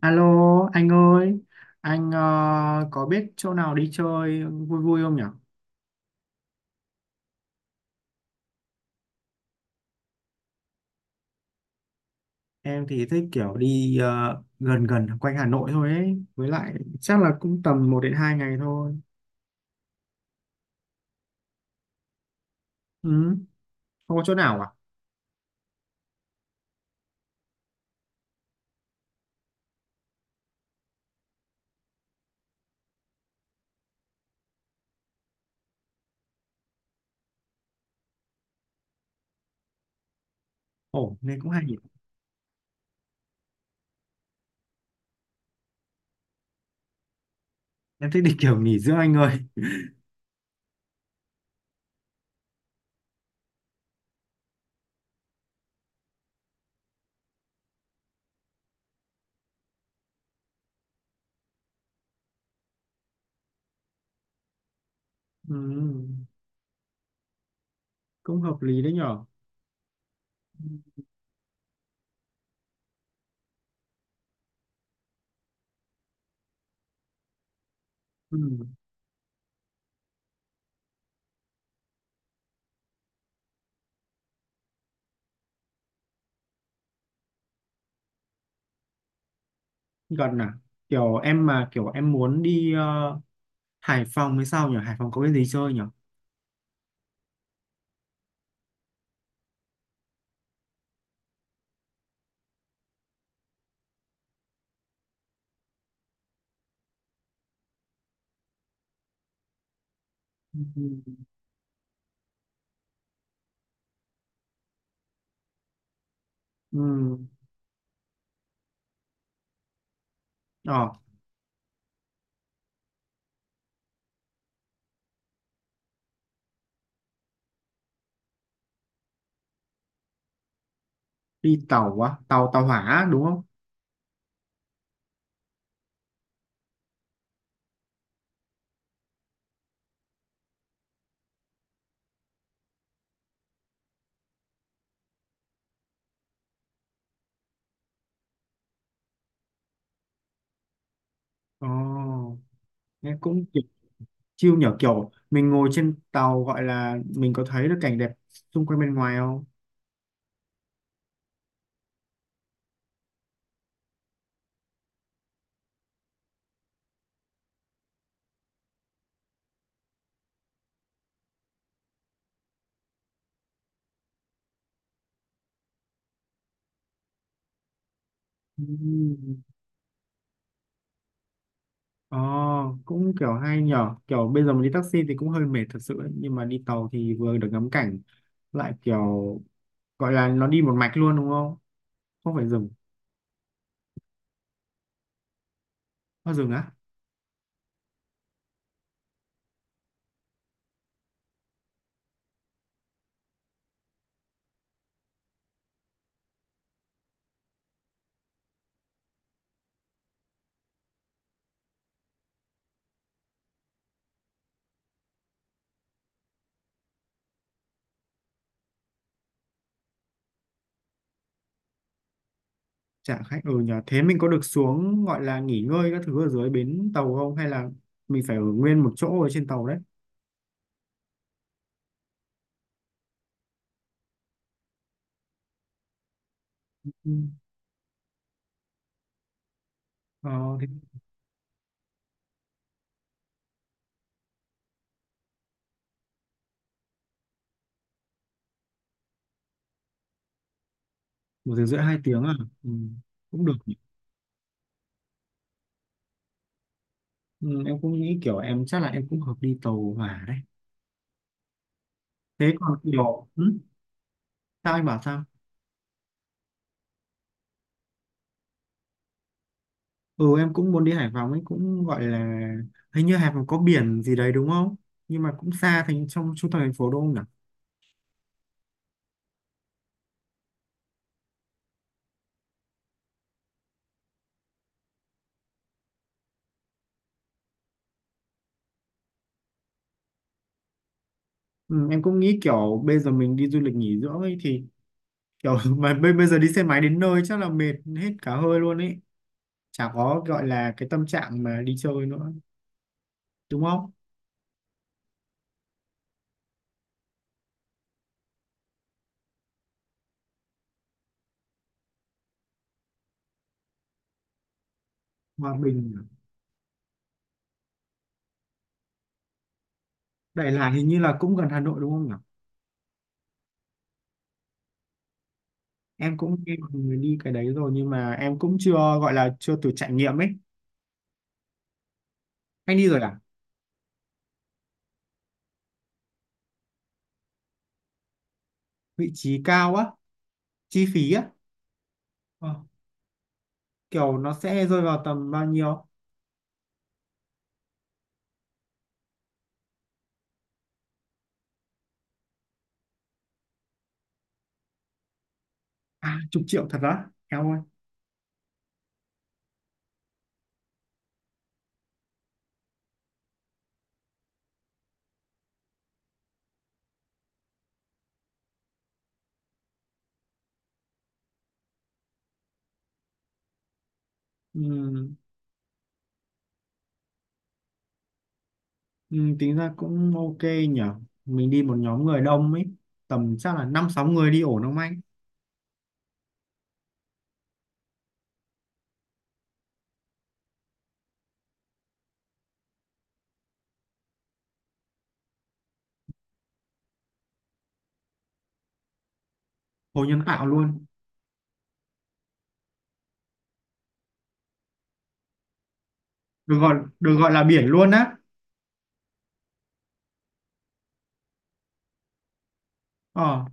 Alo anh ơi, anh có biết chỗ nào đi chơi vui vui không nhỉ? Em thì thích kiểu đi gần gần quanh Hà Nội thôi ấy, với lại chắc là cũng tầm một đến 2 ngày thôi. Ừ, không có chỗ nào à? Ồ, nên cũng hay nhỉ. Em thích đi kiểu nghỉ dưỡng anh ơi. Ừ, cũng hợp lý đấy nhở. Ừ, gần à? Kiểu em mà kiểu em muốn đi Hải Phòng hay sao nhỉ? Hải Phòng có cái gì chơi nhỉ? Ừ. Ừ. Ờ, đi tàu á, tàu tàu hỏa đúng không? Ồ, nghe cũng kiểu chill nhở, kiểu mình ngồi trên tàu gọi là mình có thấy được cảnh đẹp xung quanh bên ngoài không? Ừm. Ồ, cũng kiểu hay nhở, kiểu bây giờ mình đi taxi thì cũng hơi mệt thật sự ấy. Nhưng mà đi tàu thì vừa được ngắm cảnh lại kiểu gọi là nó đi một mạch luôn đúng không, không phải dừng? Nó dừng á? Chả khách, ừ nhờ thế mình có được xuống gọi là nghỉ ngơi các thứ ở dưới bến tàu không, hay là mình phải ở nguyên một chỗ ở trên tàu đấy? Ừ. Ờ, một tiếng rưỡi hai tiếng à? Ừ, cũng được nhỉ. Ừ, em cũng nghĩ kiểu em chắc là em cũng hợp đi tàu hỏa đấy. Thế còn sao anh bảo sao? Ừ, em cũng muốn đi Hải Phòng ấy, cũng gọi là hình như Hải Phòng có biển gì đấy đúng không? Nhưng mà cũng xa thành trong trung tâm thành phố đúng không nhỉ? Ừ, em cũng nghĩ kiểu bây giờ mình đi du lịch nghỉ dưỡng ấy thì kiểu mà bây bây giờ đi xe máy đến nơi chắc là mệt hết cả hơi luôn ấy, chả có gọi là cái tâm trạng mà đi chơi nữa đúng không? Hòa Bình à? Đại Lạt hình như là cũng gần Hà Nội đúng không nhỉ? Em cũng nghe mọi người đi cái đấy rồi nhưng mà em cũng chưa gọi là chưa thử trải nghiệm ấy. Anh đi rồi à? Vị trí cao á? Chi phí á? Ờ, kiểu nó sẽ rơi vào tầm bao nhiêu? À, chục triệu thật á em ơi? Ừ, ừ, tính ra cũng ok nhở, mình đi một nhóm người đông ấy, tầm chắc là năm sáu người đi ổn không anh? Hồ nhân tạo luôn? Được gọi, được gọi là biển luôn á? Ờ,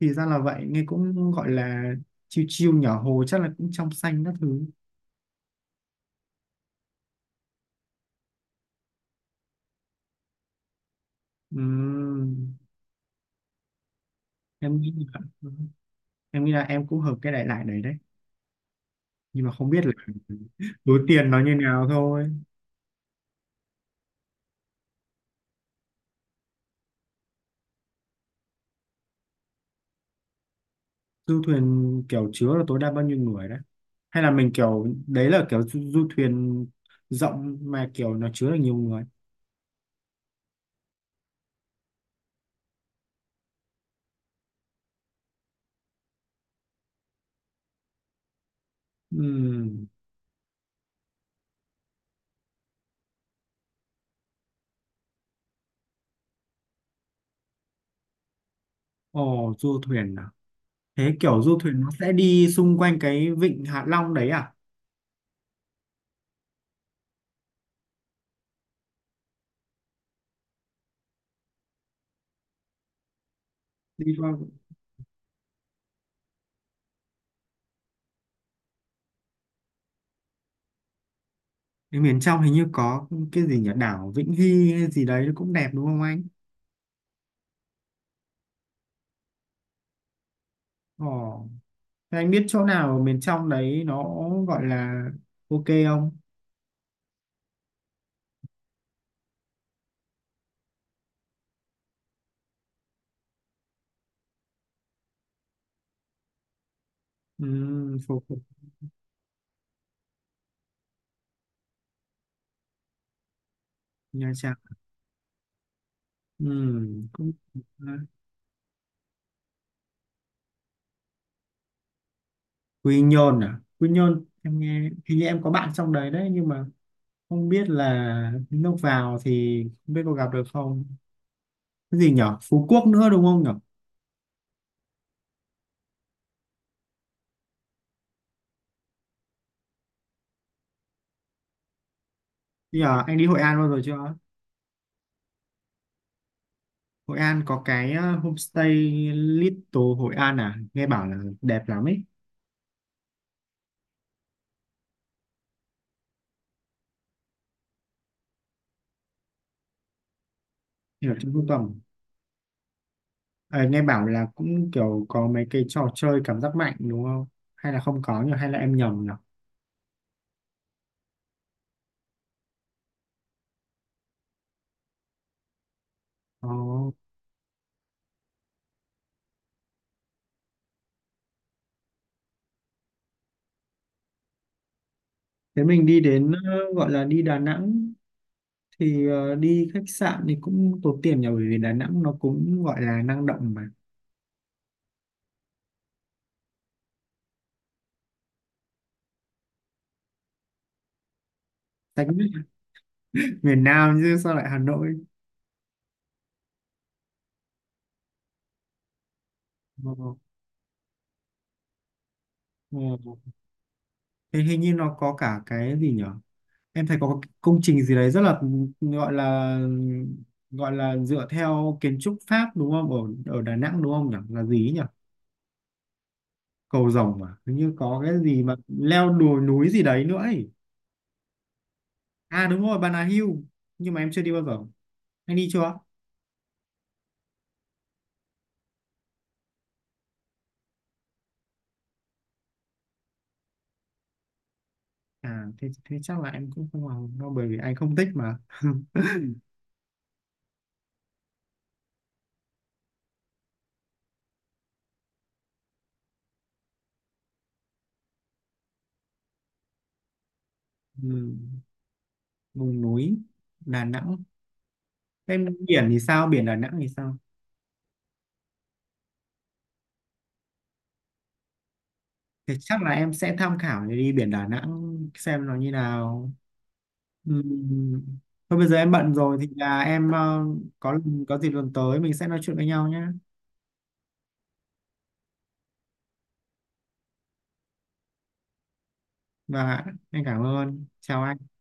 thì ra là vậy, nghe cũng gọi là chiêu chiêu nhỏ, hồ chắc là cũng trong xanh các thứ. Ừ. Em nghĩ là, em nghĩ là em cũng hợp cái đại loại đấy đấy, nhưng mà không biết là túi tiền nó như nào thôi. Du thuyền kiểu chứa là tối đa bao nhiêu người đấy, hay là mình kiểu đấy là kiểu du thuyền rộng mà kiểu nó chứa được nhiều người? Ừm, ồ du thuyền à? Thế kiểu du thuyền nó sẽ đi xung quanh cái vịnh Hạ Long đấy à? Đi qua cái miền trong hình như có cái gì nhỉ, đảo Vĩnh Hy hay gì đấy nó cũng đẹp đúng không anh? Ồ. Thế anh biết chỗ nào ở miền trong đấy nó gọi là ok không? Ừ, phục phục Nha Trang. Ừ, cũng Quy Nhơn à? Quy Nhơn em nghe hình như em có bạn trong đấy đấy nhưng mà không biết là lúc vào thì không biết có gặp được không. Cái gì nhở? Phú Quốc nữa đúng không nhở? Bây giờ anh đi Hội An bao giờ chưa? Hội An có cái homestay Little Hội An à? Nghe bảo là đẹp lắm ấy. Ở trong trung tâm. Ờ, nghe bảo là cũng kiểu có mấy cái trò chơi cảm giác mạnh đúng không? Hay là không có nhỉ? Hay là em nhầm nhỉ? Ờ, thế mình đi đến gọi là đi Đà Nẵng thì đi khách sạn thì cũng tốn tiền nhỉ, bởi vì Đà Nẵng nó cũng gọi là năng động mà. Tách với miền Nam chứ sao lại Hà Nội. Ờ, ờ. Thế hình như nó có cả cái gì nhỉ, em thấy có cái công trình gì đấy rất là gọi là, gọi là dựa theo kiến trúc Pháp đúng không, ở ở Đà Nẵng đúng không nhỉ, là gì ấy nhỉ? Cầu rồng mà hình như có cái gì mà leo đồi núi gì đấy nữa ấy. À đúng rồi, Bà Nà Hill, nhưng mà em chưa đi bao giờ, anh đi chưa? À thế, thế chắc là em cũng không vào đâu bởi vì anh không thích mà ừ, vùng núi Đà Nẵng. Em biển thì sao, biển Đà Nẵng thì sao? Thì chắc là em sẽ tham khảo để đi biển Đà Nẵng xem nó như nào. Ừ. Thôi bây giờ em bận rồi thì là em có có gì lần tới mình sẽ nói chuyện với nhau nhé. Và anh cảm ơn, chào anh.